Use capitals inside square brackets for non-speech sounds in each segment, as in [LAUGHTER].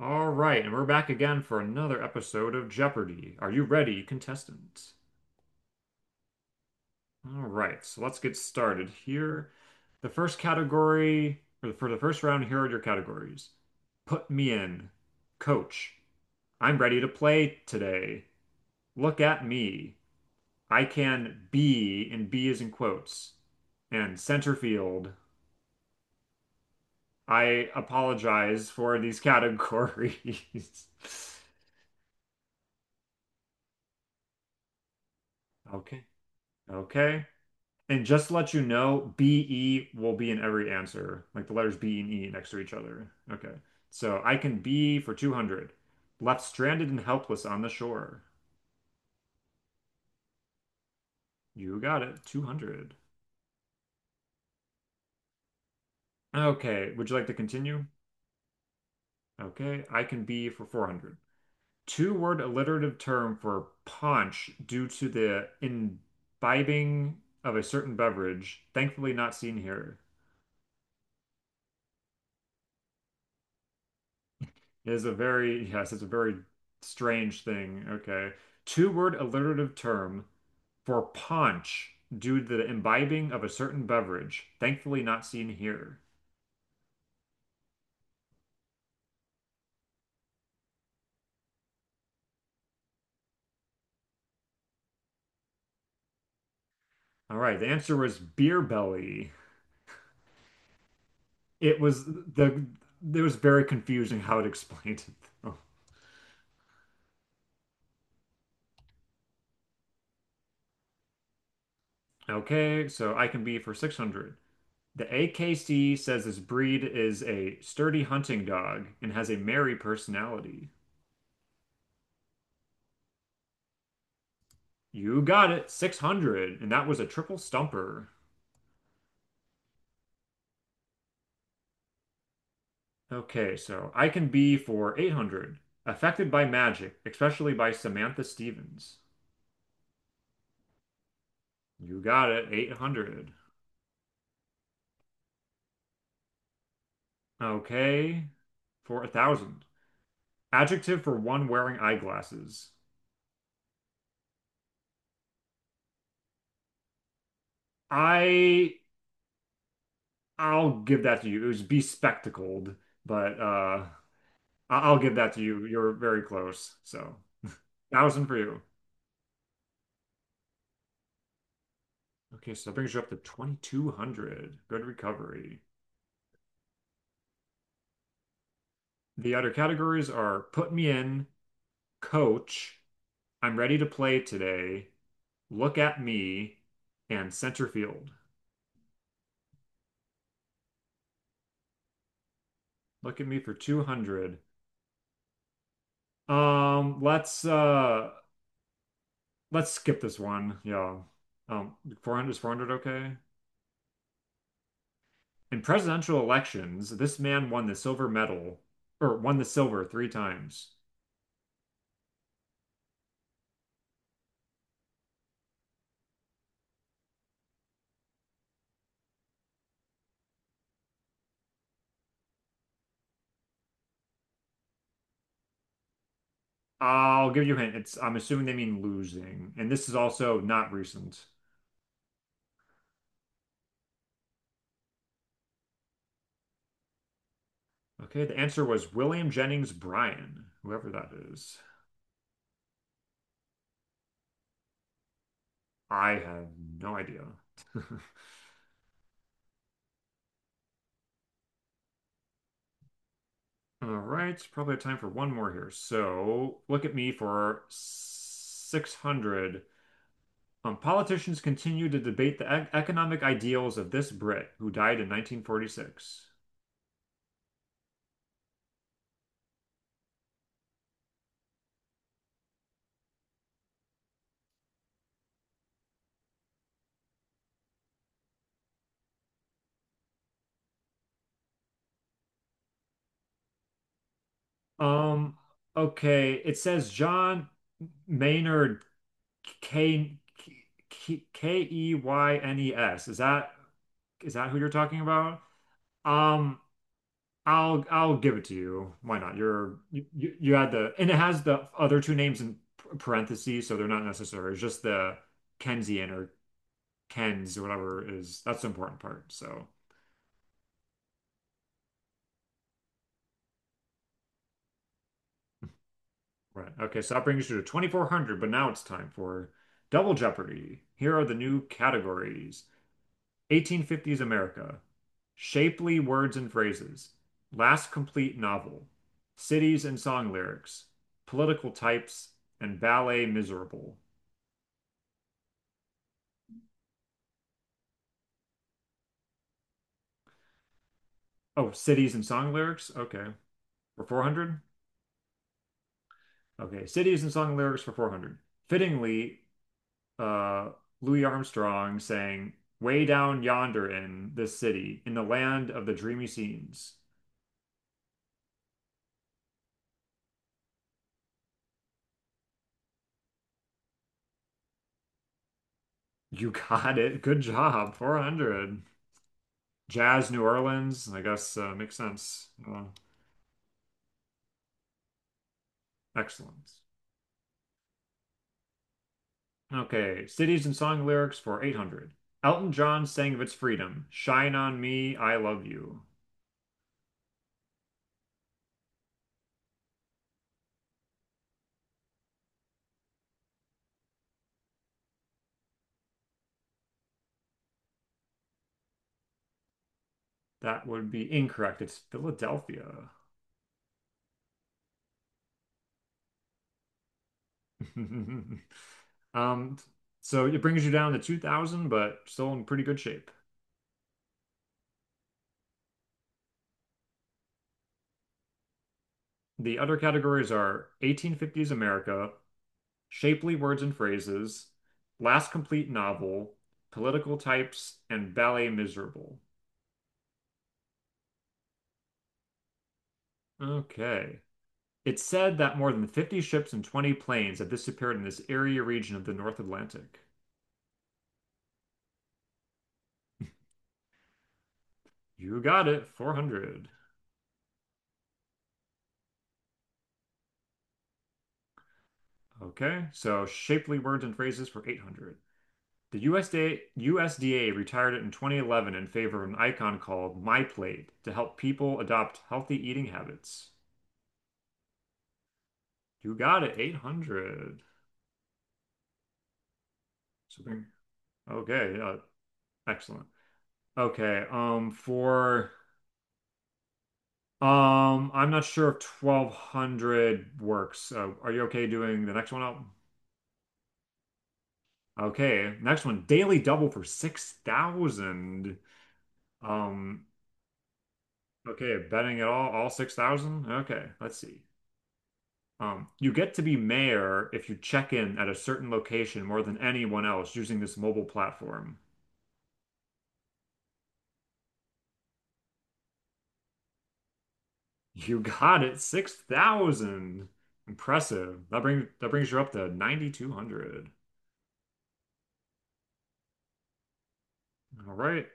All right, and we're back again for another episode of Jeopardy! Are you ready, contestant? All right, so let's get started here. The first category, or for the first round, here are your categories. Put me in. Coach, I'm ready to play today. Look at me. I can be, and be is in quotes. And center field. I apologize for these categories. [LAUGHS] Okay, okay. And just to let you know, BE will be in every answer, like the letters B and E next to each other. Okay. So I can B for 200. Left stranded and helpless on the shore. You got it. 200. Okay. Would you like to continue? Okay. I can B for 400. Two-word alliterative term for punch due to the imbibing of a certain beverage, thankfully not seen here. Is a very, yes, it's a very strange thing. Okay. Two-word alliterative term for paunch due to the imbibing of a certain beverage, thankfully not seen here. All right, the answer was beer belly. It was the it was very confusing how it [LAUGHS] explained it though. Okay, so I can be for 600. The AKC says this breed is a sturdy hunting dog and has a merry personality. You got it, 600, and that was a triple stumper. Okay, so I can be for 800. Affected by magic, especially by Samantha Stevens. You got it, 800. Okay, for a 1,000. Adjective for one wearing eyeglasses. I I'll give that to you. It was bespectacled, but I'll give that to you. You're very close. So, 1,000 for you. Okay, so that brings you up to 2,200. Good recovery. The other categories are put me in, coach, I'm ready to play today. Look at me and center field. Look at me for 200. Um, let's uh let's skip this one. Yeah. Um, 400 is 400 okay? In presidential elections, this man won the silver medal or won the silver three times. I'll give you a hint. It's I'm assuming they mean losing. And this is also not recent. Okay, the answer was William Jennings Bryan, whoever that is. I have no idea. [LAUGHS] All right, probably have time for one more here. So look at me for 600. Politicians continue to debate the e economic ideals of this Brit who died in 1946. Um, okay, it says John Maynard K K K E Y N E S. Is that who you're talking about? Um, I'll give it to you. Why not? You're you, you you had the and it has the other two names in parentheses, so they're not necessary. It's just the Kensian or Kens or whatever is that's the important part. So right. Okay, so that brings you to 2,400, but now it's time for Double Jeopardy. Here are the new categories. 1850s America, shapely words and phrases, last complete novel, cities and song lyrics, political types, and ballet miserable. Oh, cities and song lyrics? Okay. For 400? Okay. Cities and song lyrics for 400. Fittingly, uh, Louis Armstrong sang, Way down yonder in this city, in the land of the dreamy scenes. You [LAUGHS] got it. Good job. 400. Jazz New Orleans, I guess makes sense. Excellent. Okay. Cities and song lyrics for 800. Elton John sang of its freedom, Shine on me, I love you. That would be incorrect. It's Philadelphia. [LAUGHS] Um, so it brings you down to 2000, but still in pretty good shape. The other categories are 1850s America, shapely words and phrases, last complete novel, political types, and ballet miserable. Okay. It's said that more than 50 ships and 20 planes have disappeared in this area region of the North Atlantic. You got it, 400. Okay, so shapely words and phrases for 800. The USDA, retired it in 2011 in favor of an icon called MyPlate to help people adopt healthy eating habits. You got it, 800. So okay, yeah, excellent. Okay, for I'm not sure if 1,200 works. Are you okay doing the next one up? Okay, next one, daily double for 6,000. Um, okay, betting it all 6,000? Okay, let's see. You get to be mayor if you check in at a certain location more than anyone else using this mobile platform. [LAUGHS] You got it, 6,000. Impressive. That brings you up to 9,200. All right.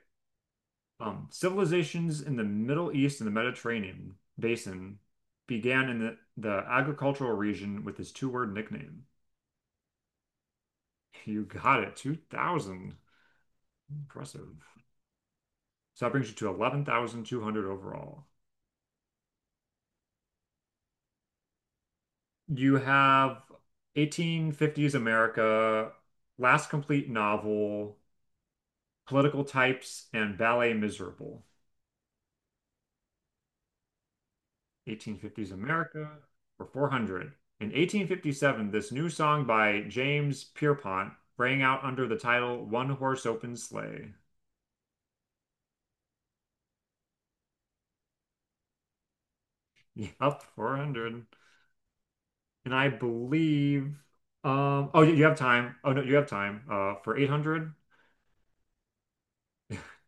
Civilizations in the Middle East and the Mediterranean basin began in the agricultural region with this two-word nickname. You got it, 2,000. Impressive. So that brings you to 11,200 overall. You have 1850s America, last complete novel, political types, and ballet miserable. 1850s America for 400. In 1857, this new song by James Pierpont rang out under the title One Horse Open Sleigh. [LAUGHS] Yup, 400. And I believe, oh, you have time. Oh, no, you have time for 800.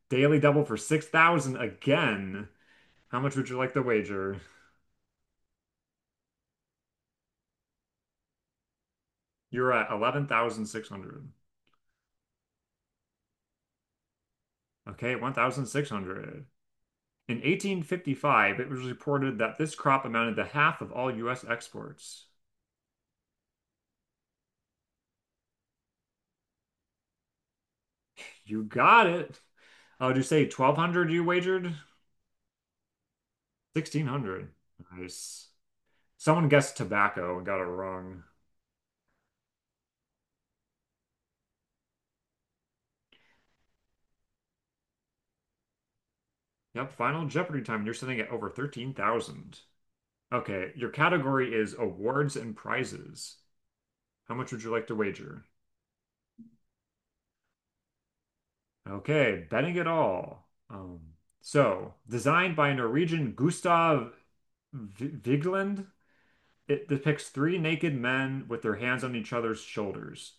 Daily double for 6,000 again. How much would you like the wager? You're at 11,600. Okay, 1,600. In 1855, it was reported that this crop amounted to half of all U.S. exports. You got it. Oh, did you say 1,200 you wagered? 1,600. Nice. Someone guessed tobacco and got it wrong. Yep, Final Jeopardy time. You're sitting at over 13,000. Okay, your category is awards and prizes. How much would you like to wager? Okay, betting it all. So, designed by Norwegian Gustav Vigeland, it depicts three naked men with their hands on each other's shoulders.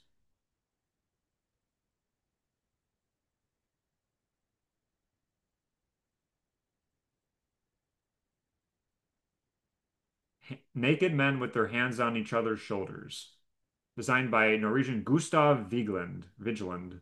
Naked men with their hands on each other's shoulders. Designed by Norwegian Gustav Vigeland. Vigeland.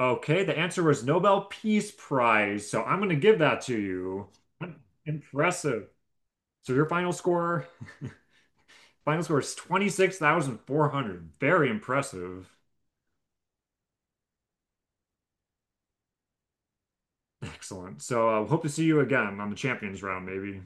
Okay, the answer was Nobel Peace Prize, so I'm going to give that to you. Impressive. So your final score, [LAUGHS] final score is 26,400. Very impressive. Excellent. So hope to see you again on the champions round, maybe.